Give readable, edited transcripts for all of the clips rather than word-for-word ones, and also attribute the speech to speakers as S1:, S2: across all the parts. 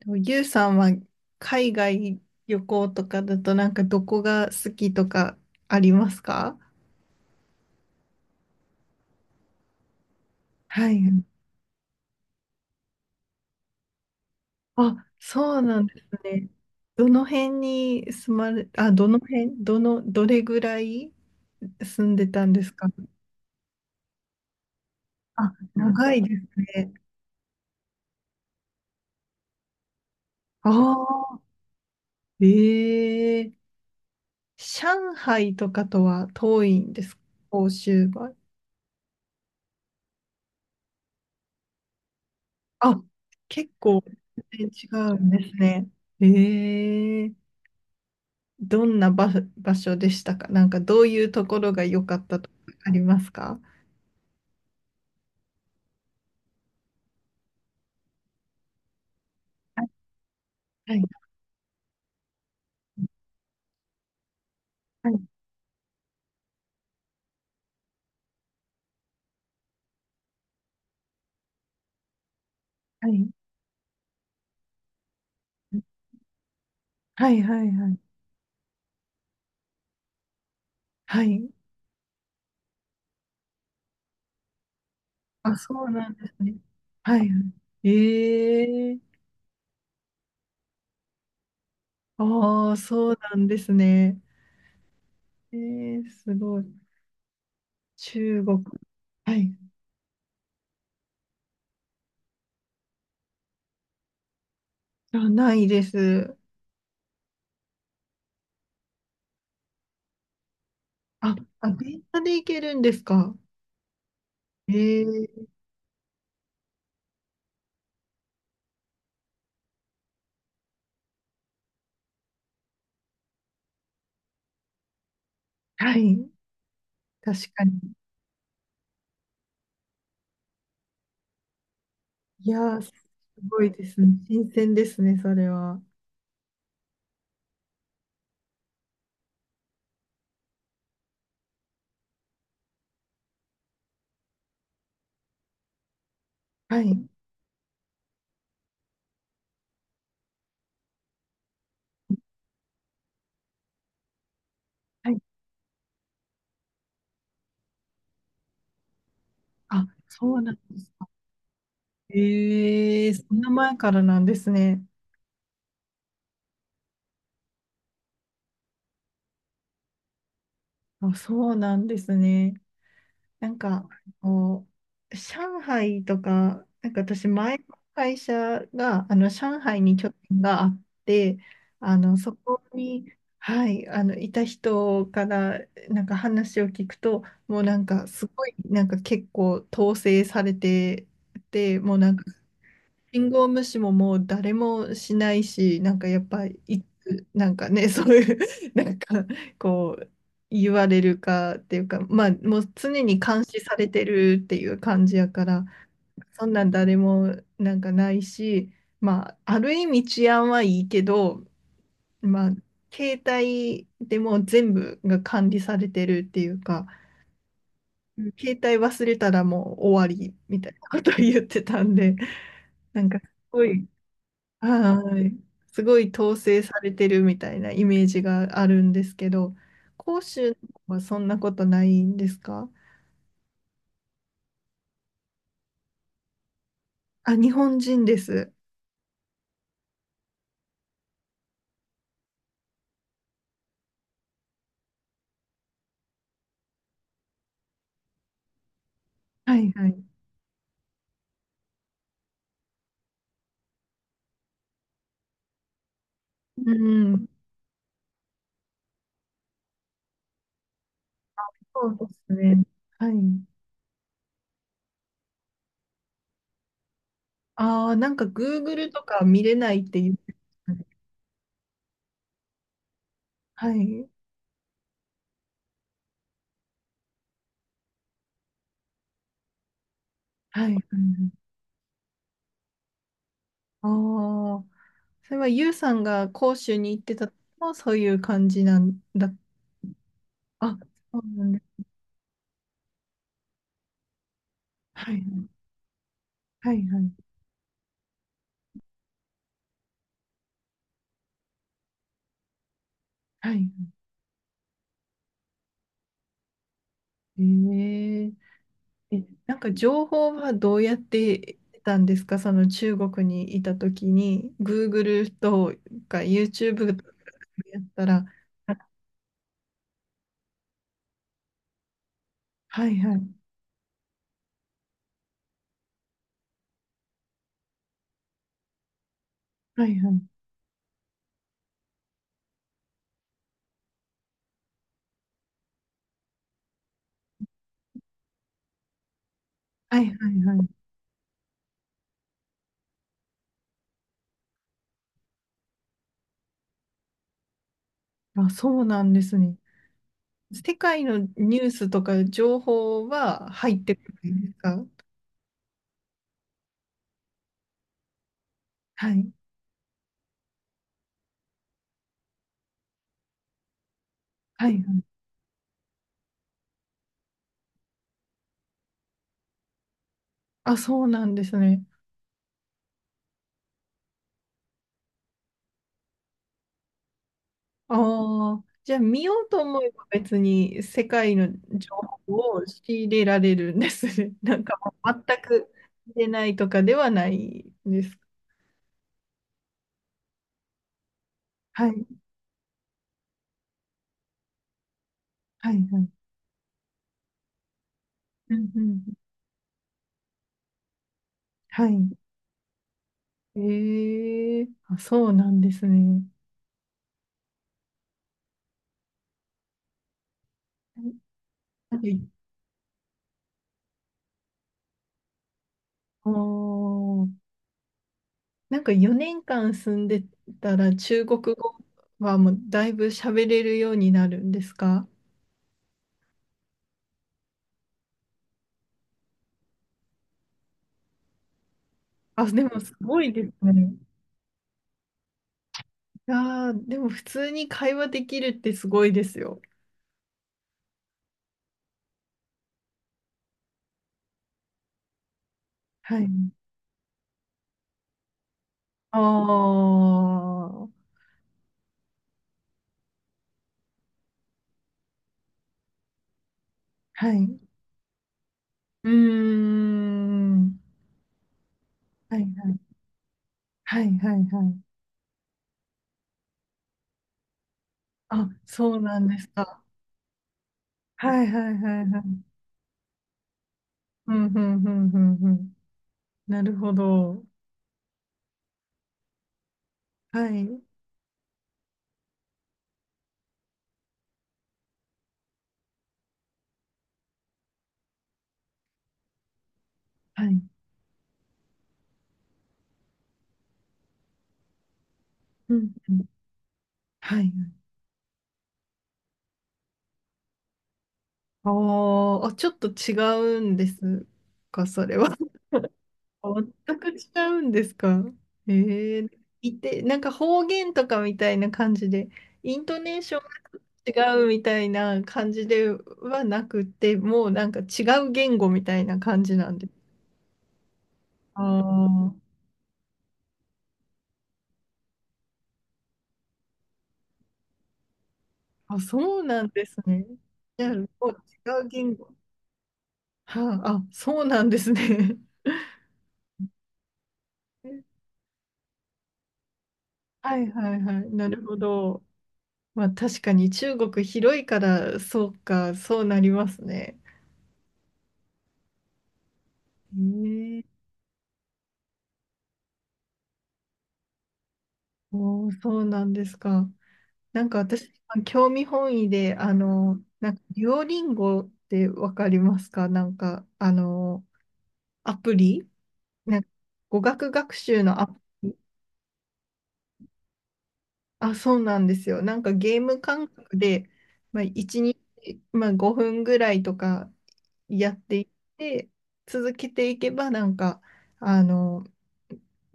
S1: でもゆうさんは海外旅行とかだとなんかどこが好きとかありますか？はい。あ、そうなんですね。どの辺に住まれ、あ、どの辺、どの、どれぐらい住んでたんですか？あ、長いですね。ああ、ええ、上海とかとは遠いんですか？欧州は。あ、結構全然違うんですね。ええ、どんな場、場所でしたか？なんかどういうところが良かったとかありますか？はい、はい、はい、はい、はい、はい。はい、あ、そうなんですね。はい。はい、ええ、ああー、そうなんですね。ええ、すごい。中国。はい。あ、ないです。あ、あ、電車で行けるんですか？ええ、はい。確かに。いやー、すごいですね。新鮮ですね、それは。はい。はい、あ、そうなんですか。ええ、そんな前からなんですね。あ、そうなんですね。なんか、こう、上海とか、なんか私、前の会社が、あの、上海に拠点があって、あの、そこに、はい、あの、いた人から、なんか話を聞くと、もうなんか、すごい、なんか結構統制されてて、もうなんか、信号無視ももう誰もしないし、なんかやっぱいつ、なんかね、そういう、なんかこう、言われるかっていうか、まあもう常に監視されてるっていう感じやから、そんなん誰もなんかないし、まあある意味治安はいいけど、まあ携帯でもう全部が管理されてるっていうか、携帯忘れたらもう終わりみたいなことを言ってたんで、なんかすごい、はい。すごい統制されてるみたいなイメージがあるんですけど、広州はそんなことないんですか？あ、日本人です。はいはい。うん。そうですね。はい。ああ、なんか Google とか見れないって言ってましたね。はい。はい。ああー、それはユウさんが広州に行ってたのもそういう感じなんだ。あ、そうなんです。はい。はいはい。はい。ええ、え、なんか情報はどうやって得たんですか？その中国にいた時に Google とか YouTube とかやったら。あ、はいはいはいはいはいはいはい、あ、そうなんですね。世界のニュースとか情報は入ってこないですか？はいはいはい、あ、そうなんですね。ああ、じゃあ見ようと思えば別に世界の情報を仕入れられるんですね。なんかもう全く出ないとかではないんです。はい、はい、はい。うんうん、はい。ええ、あ、そうなんですね。なんか、あーなんか4年間住んでたら中国語はもうだいぶ喋れるようになるんですか？あ、でもすごいですね。やー、でも普通に会話できるってすごいですよ。はい。ああ、はい。うーん。はいはい。はいはいはい。あ、そうなんですか。はいはいはいはい。うん、うん、うん、うん、うん。なるほど。はい。はい。うん、うん。はい。ああ、あ、ちょっと違うんですか、それは。全く違うんですか？えー、いて、なんか方言とかみたいな感じで、イントネーションが違うみたいな感じではなくて、もうなんか違う言語みたいな感じなんです。ああ、あ、そうなんですね。じゃあ、もう違う言語。はあ、あ、そうなんですね。はいはいはい。なるほど。まあ確かに中国広いから、そうか、そうなりますね。へえ、おお、そうなんですか。なんか私、興味本位で、あの、なんか、デュオリンゴってわかりますか？なんか、あの、アプリ、なんか語学学習のアプリ、あ、そうなんですよ。なんかゲーム感覚で、まあ、1日、まあ、5分ぐらいとかやっていって、続けていけば、なんか、あの、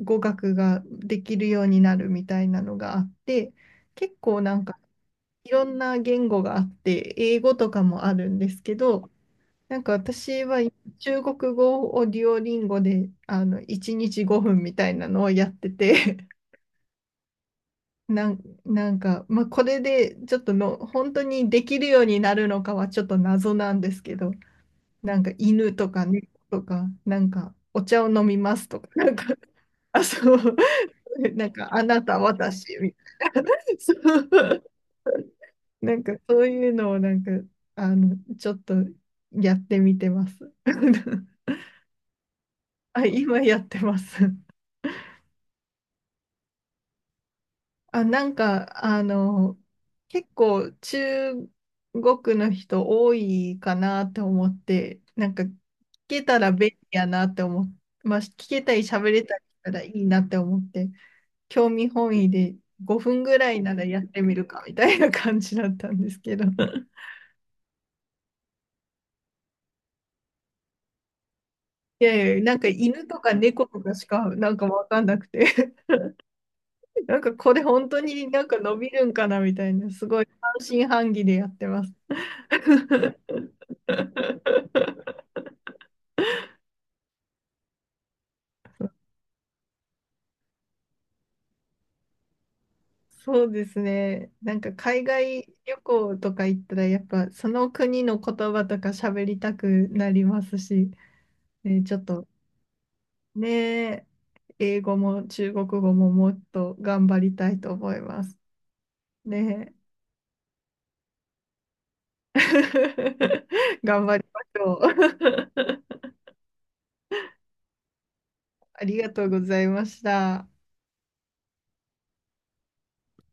S1: 語学ができるようになるみたいなのがあって、結構なんか、いろんな言語があって、英語とかもあるんですけど、なんか私は中国語をデュオリンゴで、あの、1日5分みたいなのをやってて、なん、なんか、まあ、これでちょっとの本当にできるようになるのかはちょっと謎なんですけど、なんか犬とか猫とか、なんかお茶を飲みますとか、なんか、あ、そう、なんかあなた、私、みたいな、そう、なんかそういうのをなんか、あの、ちょっとやってみてます。あ、今やってます。あ、なんか、あの、結構中国の人多いかなって思って、なんか聞けたら便利やなって思って、まあ、聞けたり喋れたりしたらいいなって思って、興味本位で5分ぐらいならやってみるかみたいな感じだったんですけど、いやいや、なんか犬とか猫とかしかなんかわかんなくて、なんかこれ本当になんか伸びるんかなみたいな、すごい半信半疑でやってます。そうですね。なんか海外旅行とか行ったら、やっぱその国の言葉とか喋りたくなりますし、ね、ちょっとね、英語も中国語ももっと頑張りたいと思います。ね。頑張りましょう。ありがとうございました。